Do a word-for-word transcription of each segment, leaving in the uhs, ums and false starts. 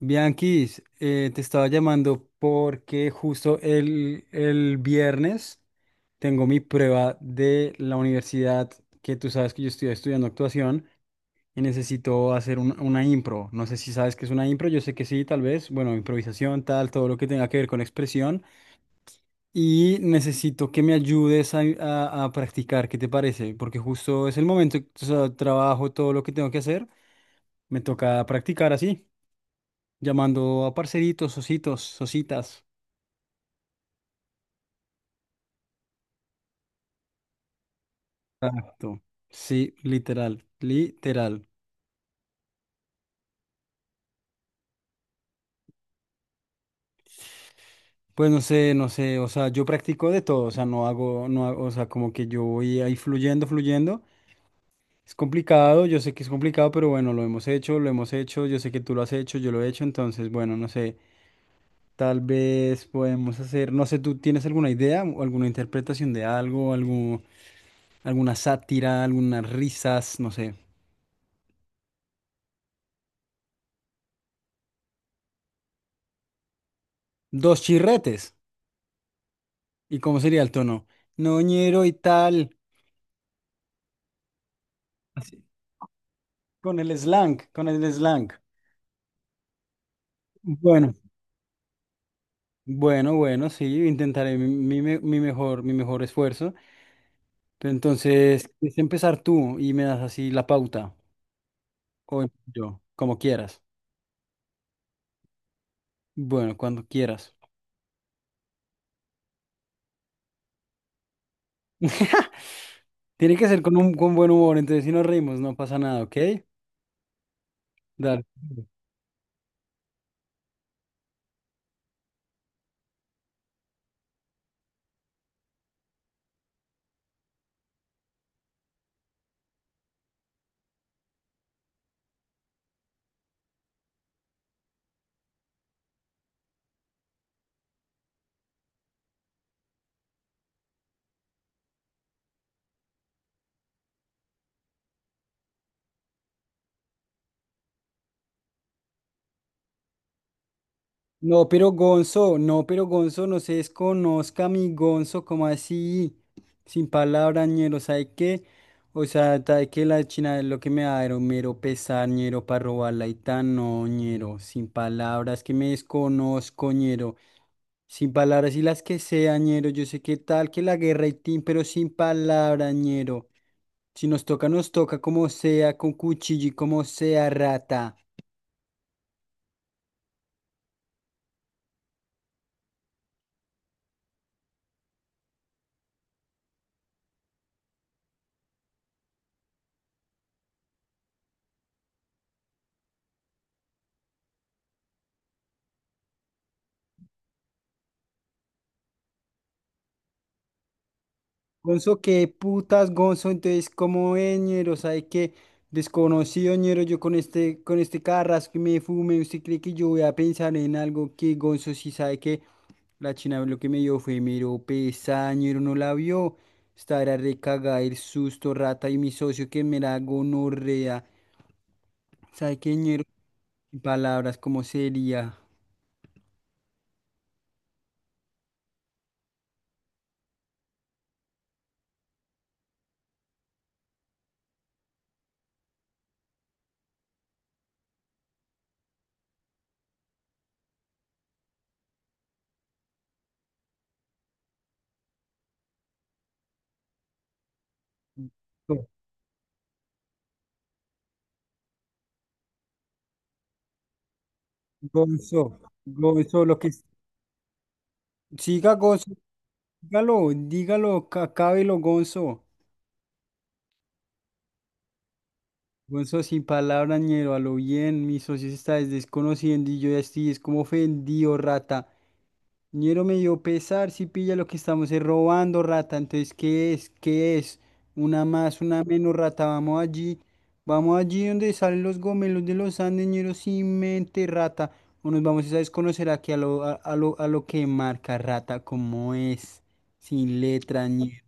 Bianquis, eh, te estaba llamando porque justo el, el viernes tengo mi prueba de la universidad, que tú sabes que yo estoy estudiando actuación y necesito hacer un- una impro. No sé si sabes qué es una impro, yo sé que sí, tal vez. Bueno, improvisación, tal, todo lo que tenga que ver con expresión. Y necesito que me ayudes a, a- a practicar, ¿qué te parece? Porque justo es el momento, o sea, trabajo, todo lo que tengo que hacer, me toca practicar así. Llamando a parceritos, ositos, ositas. Exacto. Sí, literal, literal. Pues no sé, no sé, o sea, yo practico de todo, o sea, no hago, no hago, o sea, como que yo voy ahí fluyendo, fluyendo. Es complicado, yo sé que es complicado, pero bueno, lo hemos hecho, lo hemos hecho, yo sé que tú lo has hecho, yo lo he hecho, entonces, bueno, no sé, tal vez podemos hacer, no sé, ¿tú tienes alguna idea o alguna interpretación de algo, algo, alguna sátira, algunas risas, no sé? Dos chirretes. ¿Y cómo sería el tono? Noñero y tal. Así. Con el slang, con el slang. Bueno, bueno, bueno, sí, intentaré mi, mi me- mi mejor, mi mejor esfuerzo. Pero entonces, es empezar tú y me das así la pauta, o yo, como quieras. Bueno, cuando quieras. Tiene que ser con un con buen humor, entonces si nos reímos no pasa nada, ¿ok? Dale. No, pero Gonzo, no, pero Gonzo, no se desconozca mi Gonzo, como así? Sin palabras, ñero, ¿sabe qué? O sea, ¿sabe que la China es lo que me da era un mero pesar, ñero, para robarla y tan, no, ñero, sin palabras, que me desconozco, ñero, sin palabras y las que sea, ñero, yo sé que tal, que la guerra y tin, pero sin palabras, ñero, si nos toca, nos toca como sea, con cuchillo y como sea, rata. Gonzo, qué putas, Gonzo. Entonces, ¿cómo es, ñero? ¿Sabe qué? Desconocido, ñero, yo con este, con este carrasco que me fume, ¿usted cree que yo voy a pensar en algo que Gonzo sí sabe que la china lo que me dio fue mero pesada, ñero, no la vio? Estará recagada el susto, rata, y mi socio que me la gonorrea. ¿Sabe qué, ñero? Palabras, ¿cómo sería? Gonzo, Gonzo, lo que... Siga, Gonzo. Dígalo, dígalo, ca- acábelo, Gonzo. Gonzo, sin palabras, ñero, a lo bien, mi socio se está desconociendo y yo ya estoy, es como ofendido, rata. Ñero me dio pesar, si pilla lo que estamos es robando, rata. Entonces, ¿qué es? ¿Qué es? Una más, una menos, rata. Vamos allí, vamos allí donde salen los gomelos de los Andes, ñero, sin mente, rata. O nos vamos a desconocer aquí a lo, a, a lo, a lo que marca, rata, como es, sin letra, ñero.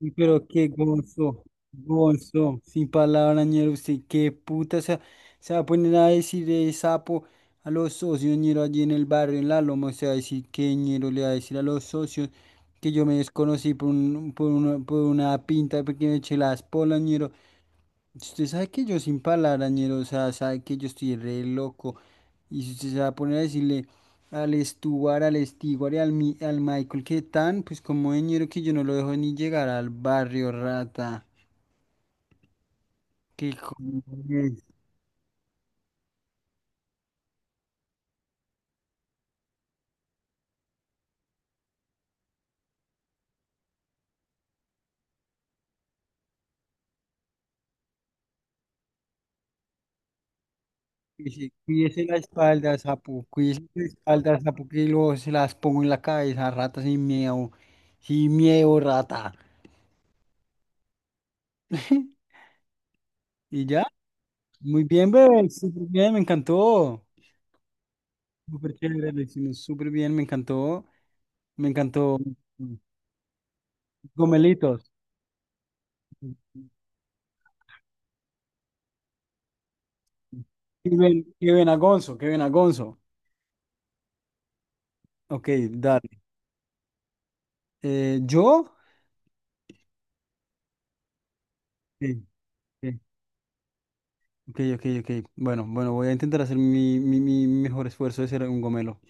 Y pero qué gozo, gozo, sin palabra, ñero, usted qué puta, o sea, se va a poner a decir de sapo a los socios, ñero, allí en el barrio, en la loma, se va a decir que ñero le va a decir a los socios que yo me desconocí por, un- por, una, por una pinta porque me eché las polas, ñero. Usted sabe que yo sin palabrañero, o sea, sabe que yo estoy re loco. Y si usted se va a poner a decirle al Stuart, al Stewart y al, Mi- al Michael que tan, pues como ñero que yo no lo dejo ni llegar al barrio, rata. Que cojones. Que se- Cuídese la espalda, sapo. Cuídese la espalda, sapo, que luego se las pongo en la cabeza, rata, sin miedo. Sin miedo, rata. Y ya. Muy bien, bebé. Súper bien, me encantó. Súper chévere, lo hicimos súper bien, me encantó. Me encantó. Gomelitos. Kevin, Kevin Agonzo, Kevin Agonzo. Ok, dale. Eh, ¿yo? Sí, sí. Ok, ok, ok. Bueno, bueno, voy a intentar hacer mi, mi, mi mejor esfuerzo de ser un gomelo.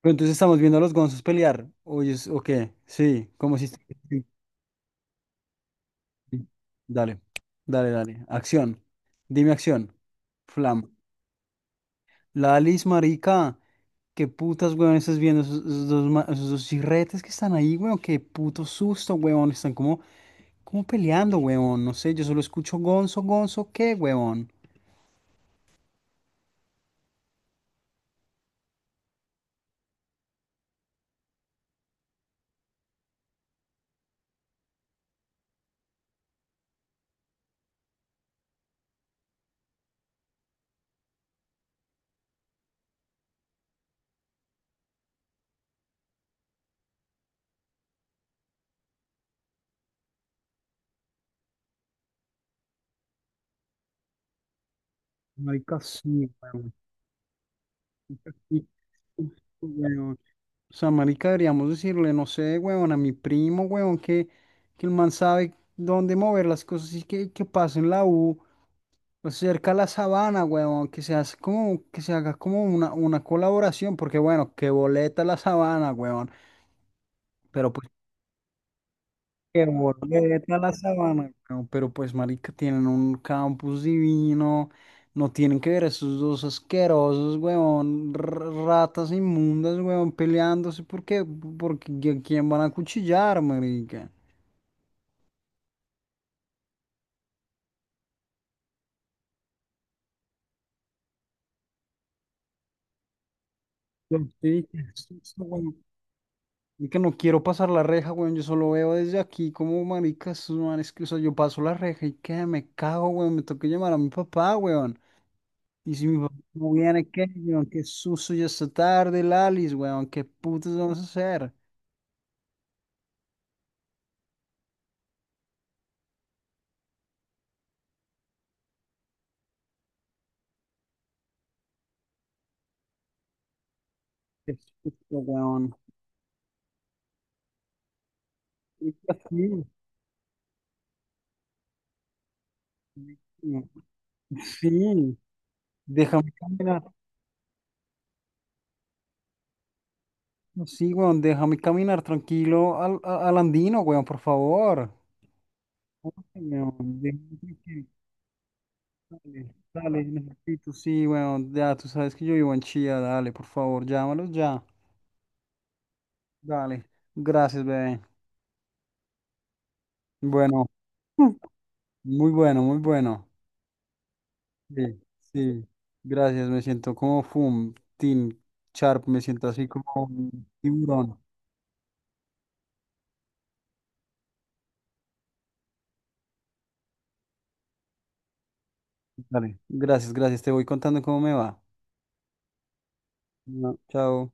Pero entonces estamos viendo a los gonzos pelear. Oye, es- ok, sí, como si... sí, sí. Dale, dale, dale. Acción. Dime acción. Flam. Lalis, marica, qué putas, weón, estás viendo esos, esos dos, ma- esos dos chirretes que están ahí, weón, qué puto susto, weón, están como, como peleando, weón, no sé, yo solo escucho gonzo, gonzo, ¿qué, weón? Marica, sí, weón, marica, sí, susto, weón. O sea, marica, deberíamos decirle, no sé, weón, a mi primo, weón, que, que el man sabe dónde mover las cosas y que, que pase en la U. Pues cerca a la sabana, huevón, que se hace como, que se haga como una, una colaboración, porque bueno, que boleta la sabana, huevón, pero pues que boleta la sabana, weón, pero pues marica, tienen un campus divino, no tienen que ver a esos dos asquerosos, huevón, r- ratas inmundas, huevón, peleándose, ¿por qué? Porque ¿a quién van a cuchillar, marica? Los tickets, y que no quiero pasar la reja, weón. Yo solo veo desde aquí como maricas, esos manes que, o sea, yo paso la reja y que me cago, weón. Me toca llamar a mi papá, weón. Y si mi papá no viene, ¿qué? Weón, qué susto, ya está tarde, Lalis, weón. ¿Qué putas vamos a hacer? Qué susto, weón. Y así, sí, déjame caminar. No, sí, weón, déjame caminar tranquilo al, a- al andino, weón, por favor. Ay, weón, déjame tranquilo. Dale, dale, necesito, sí, bueno, ya tú sabes que yo vivo en Chía, dale, por favor, llámalos ya. Dale, gracias, bebé. Bueno, mm, muy bueno, muy bueno. Sí, sí, gracias, me siento como Fum, Team Sharp, me siento así como un tiburón. Dale, gracias, gracias, te voy contando cómo me va. Bueno, chao.